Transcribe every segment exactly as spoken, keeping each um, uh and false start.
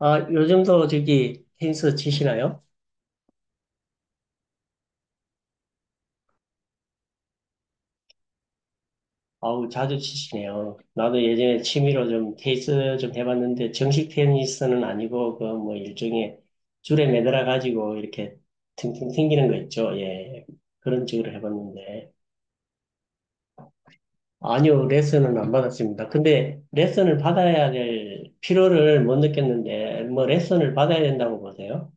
아, 요즘도 저기 테니스 치시나요? 아우, 자주 치시네요. 나도 예전에 취미로 좀 테니스 좀 해봤는데, 정식 테니스는 아니고, 그 뭐 일종의 줄에 매달아가지고 이렇게 튕튕 튕기는 거 있죠. 예. 그런 식으로 해봤는데. 아니요, 레슨은 안 받았습니다. 근데 레슨을 받아야 될 필요를 못 느꼈는데, 뭐 레슨을 받아야 된다고 보세요?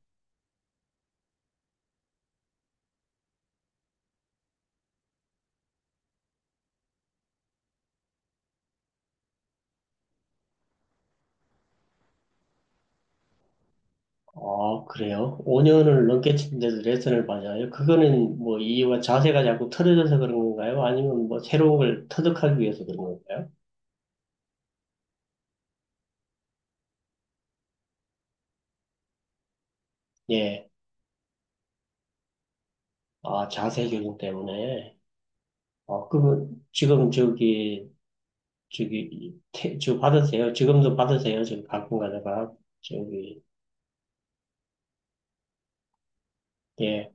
아, 그래요? 오 년을 넘게 친데도 레슨을 받아요? 그거는 뭐 이유가 자세가 자꾸 틀어져서 그런 건가요? 아니면 뭐 새로운 걸 터득하기 위해서 그런 건가요? 예. 아, 자세 교정 때문에. 아, 그러면 지금 저기, 저기, 태, 저 받으세요? 지금도 받으세요? 지금 가끔 가다가. 저기, 예.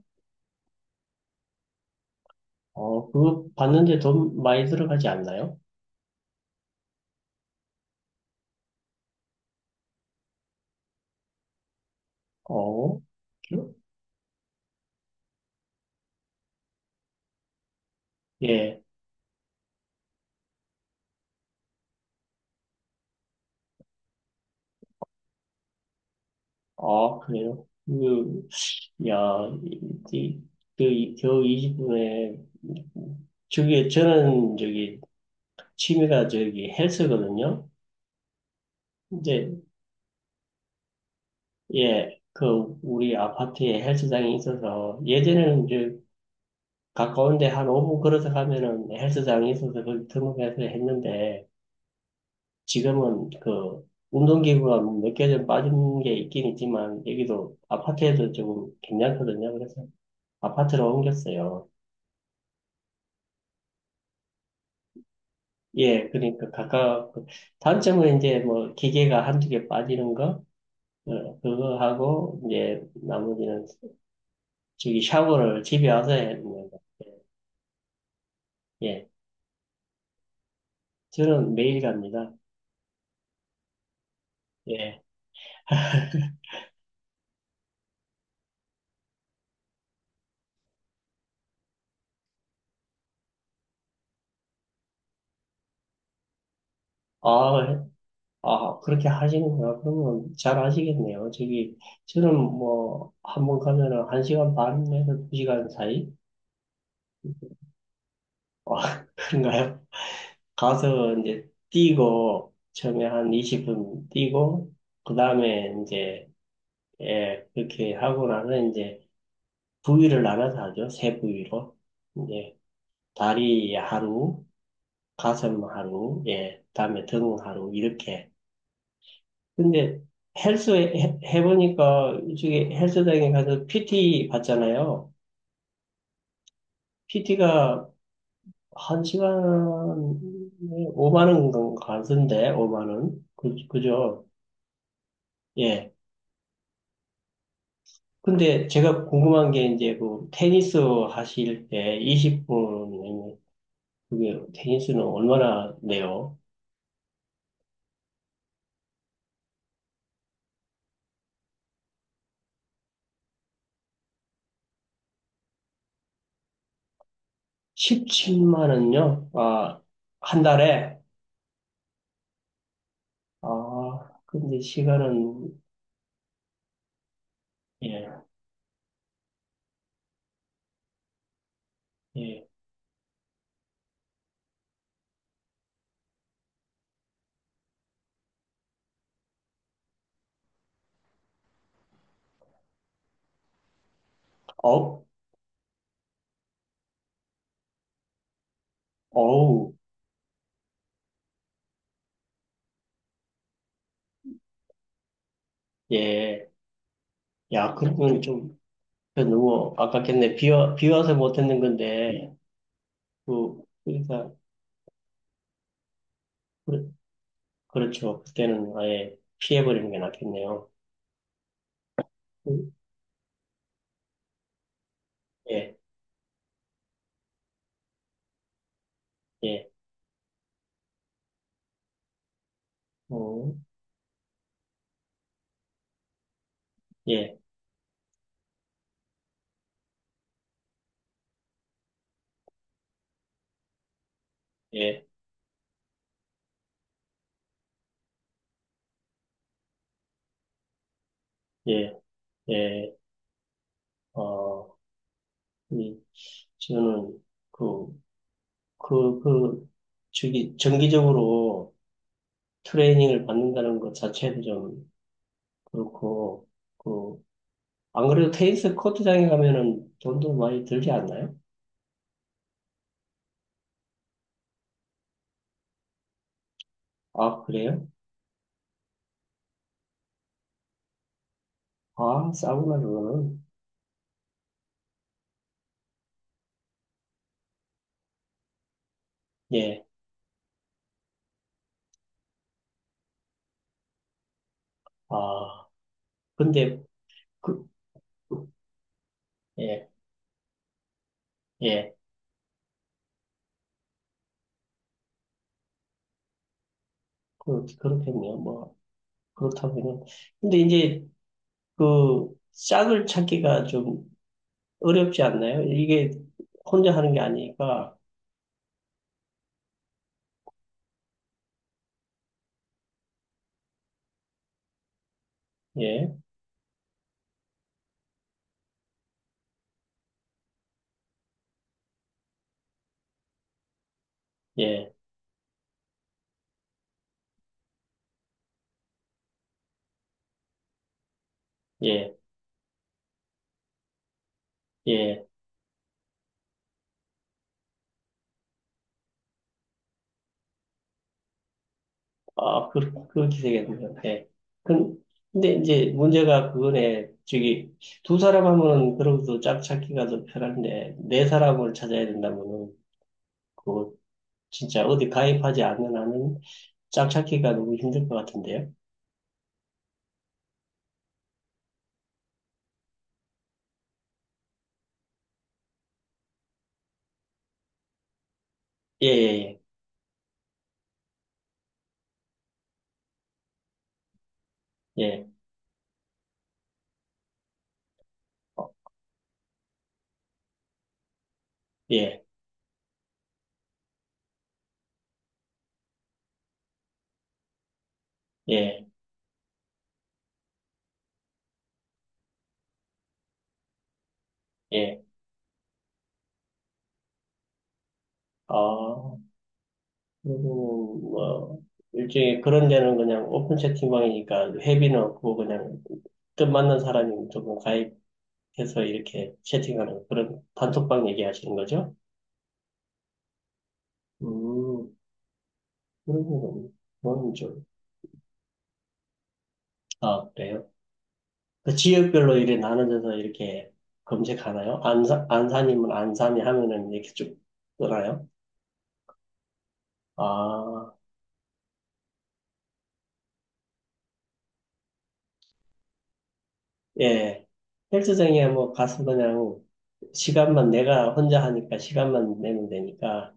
어, 그거 받는데 돈 많이 들어가지 않나요? 어, 예. 아, 그래요? 그, 야, 이, 이- 그, 이- 겨우 이십 분에 저기 저는 저기 취미가 저기 헬스거든요. 이제 예, 그 우리 아파트에 헬스장이 있어서 예전에는 이제 가까운데 한 오 분 걸어서 가면은 헬스장이 있어서 거기 등록해서 했는데 지금은 그 운동기구가 몇 개 좀 빠진 게 있긴 있지만 여기도 아파트에도 조금 괜찮거든요. 그래서 아파트로 옮겼어요. 예, 그러니까 가까 단점은 이제 뭐 기계가 한 두 개 빠지는 거 어, 그거 하고 이제 나머지는 저기 샤워를 집에 와서 해. 뭐, 예, 저는 매일 갑니다. 예. 아, 아, 그렇게 하시는구나. 그러면 잘 하시겠네요. 저기, 저는 뭐, 한번 가면은 한 시간 반에서 두 시간 사이? 어, 그런가요? 가서 이제 뛰고, 처음에 한 이십 분 뛰고, 그 다음에 이제, 예, 그렇게 하고 나서 이제 부위를 나눠서 하죠. 세 부위로. 다리 하루, 가슴 하루, 예, 다음에 등 하루, 이렇게. 근데 헬스 해, 해보니까 이쪽에 헬스장에 가서 피티 받잖아요. 피티가 한 시간에 오만 원 가던데, 오만 원. 그, 그죠? 예. 근데 제가 궁금한 게 이제 그 테니스 하실 때 이십 분, 그게 테니스는 얼마나 내요? 십칠만 원요? 아, 한 달에? 아, 근데 시간은, 예, 예. 어, 어우, 예. 야, 그러면 좀, 그 너무 아깝겠네. 비, 와, 비 와서 못 했는 건데, 그, 그러니까, 그, 그렇죠. 그때는 아예 피해버리는 게 낫겠네요. 음, 예, 예, 어, 예, 예, 예, 예, 어, 이, 저는, 그, 그, 그, 저기, 정기적으로 트레이닝을 받는다는 것 자체도 좀 그렇고, 그 안 그래도 테니스 코트장에 가면은 돈도 많이 들지 않나요? 아, 그래요? 아, 싸구나, 그거는. 예, 아, 근데, 그, 예, 예, 그, 그렇겠네요. 뭐, 그렇다면은. 근데 이제, 그, 짝을 찾기가 좀 어렵지 않나요? 이게 혼자 하는 게 아니니까, 예, 예, 예, 예. 아, 그, 그렇게 되겠네요. 예. 근- 근데 이제 문제가 그거네. 저기, 두 사람 하면은 그래도 짝 찾기가 더 편한데, 네 사람을 찾아야 된다면은, 그거 진짜 어디 가입하지 않는 한은 짝 찾기가 너무 힘들 것 같은데요? 예, 예, 예, 예, 어, 예, 예, 예. 아, 그리고 뭐, 일종의 그런 데는 그냥 오픈 채팅방이니까 회비는 없고 그냥 뜻 맞는 사람이 조금 가입 해서 이렇게 채팅하는 그런 단톡방 얘기하시는 거죠? 음, 그런 건, 그건 좀, 아, 그래요? 그 지역별로 이래 나눠져서 이렇게 검색하나요? 안사, 안산이면 안산이 하면은 이렇게 쭉 뜨나요? 아, 예. 헬스장에 뭐 가서 그냥 시간만 내가 혼자 하니까 시간만 내면 되니까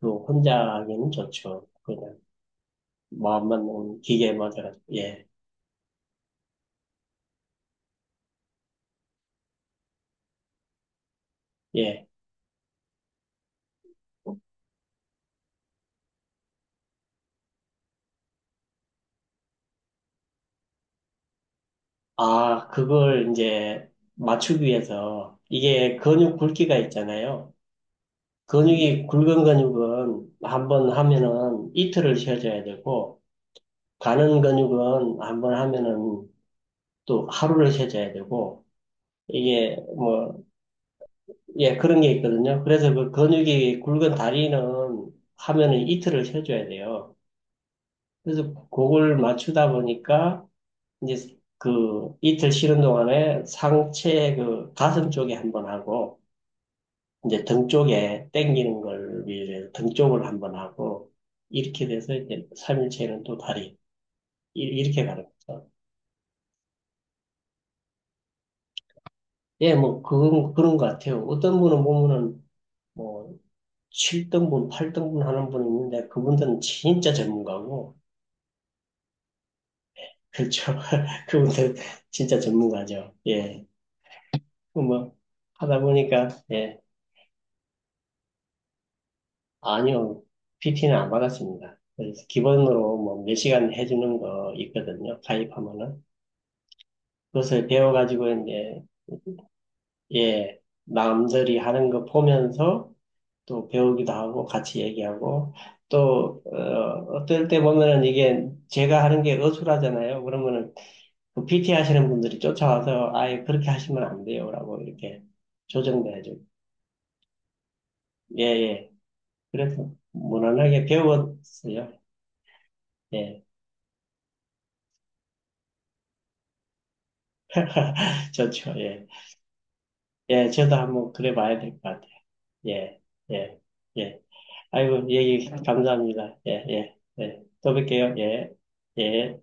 또 혼자 하기는 좋죠. 그냥 마음만 기계에 맞아가지고, 예, 예. 아, 그걸 이제 맞추기 위해서 이게 근육 굵기가 있잖아요. 근육이 굵은 근육은 한번 하면은 이틀을 쉬어줘야 되고 가는 근육은 한번 하면은 또 하루를 쉬어줘야 되고 이게 뭐, 예, 그런 게 있거든요. 그래서 그 근육이 굵은 다리는 하면은 이틀을 쉬어줘야 돼요. 그래서 그걸 맞추다 보니까 이제 그 이틀 쉬는 동안에 상체 그 가슴 쪽에 한번 하고 이제 등 쪽에 당기는 걸 위해서 등 쪽을 한번 하고 이렇게 돼서 이제 삼 일체는 또 다리 이- 이렇게 가는 거죠. 예, 뭐 그건 그런 것 같아요. 어떤 분은 보면은 뭐 칠 등분, 팔 등분 하는 분이 있는데 그분들은 진짜 전문가고 그렇죠. 그분들 진짜 전문가죠. 예. 그 뭐 하다 보니까 예. 아니요. 피티는 안 받았습니다. 그래서 기본으로 뭐 몇 시간 해주는 거 있거든요. 가입하면은. 그것을 배워가지고 이제 예 남들이 하는 거 보면서 또 배우기도 하고 같이 얘기하고 또 어, 어떨 때 보면은 이게 제가 하는 게 어수라잖아요. 그러면은 그 피티 하시는 분들이 쫓아와서 아예 그렇게 하시면 안 돼요라고 이렇게 조정도 해고 예 예. 그래서 무난하게 배웠어요. 예. 좋죠. 예. 예, 저도 한번 그래 봐야 될 것 같아요. 예. 예. 예. 아이고, 얘기 감사합니다. 예, 예, 예. 또 뵐게요. 예, 예.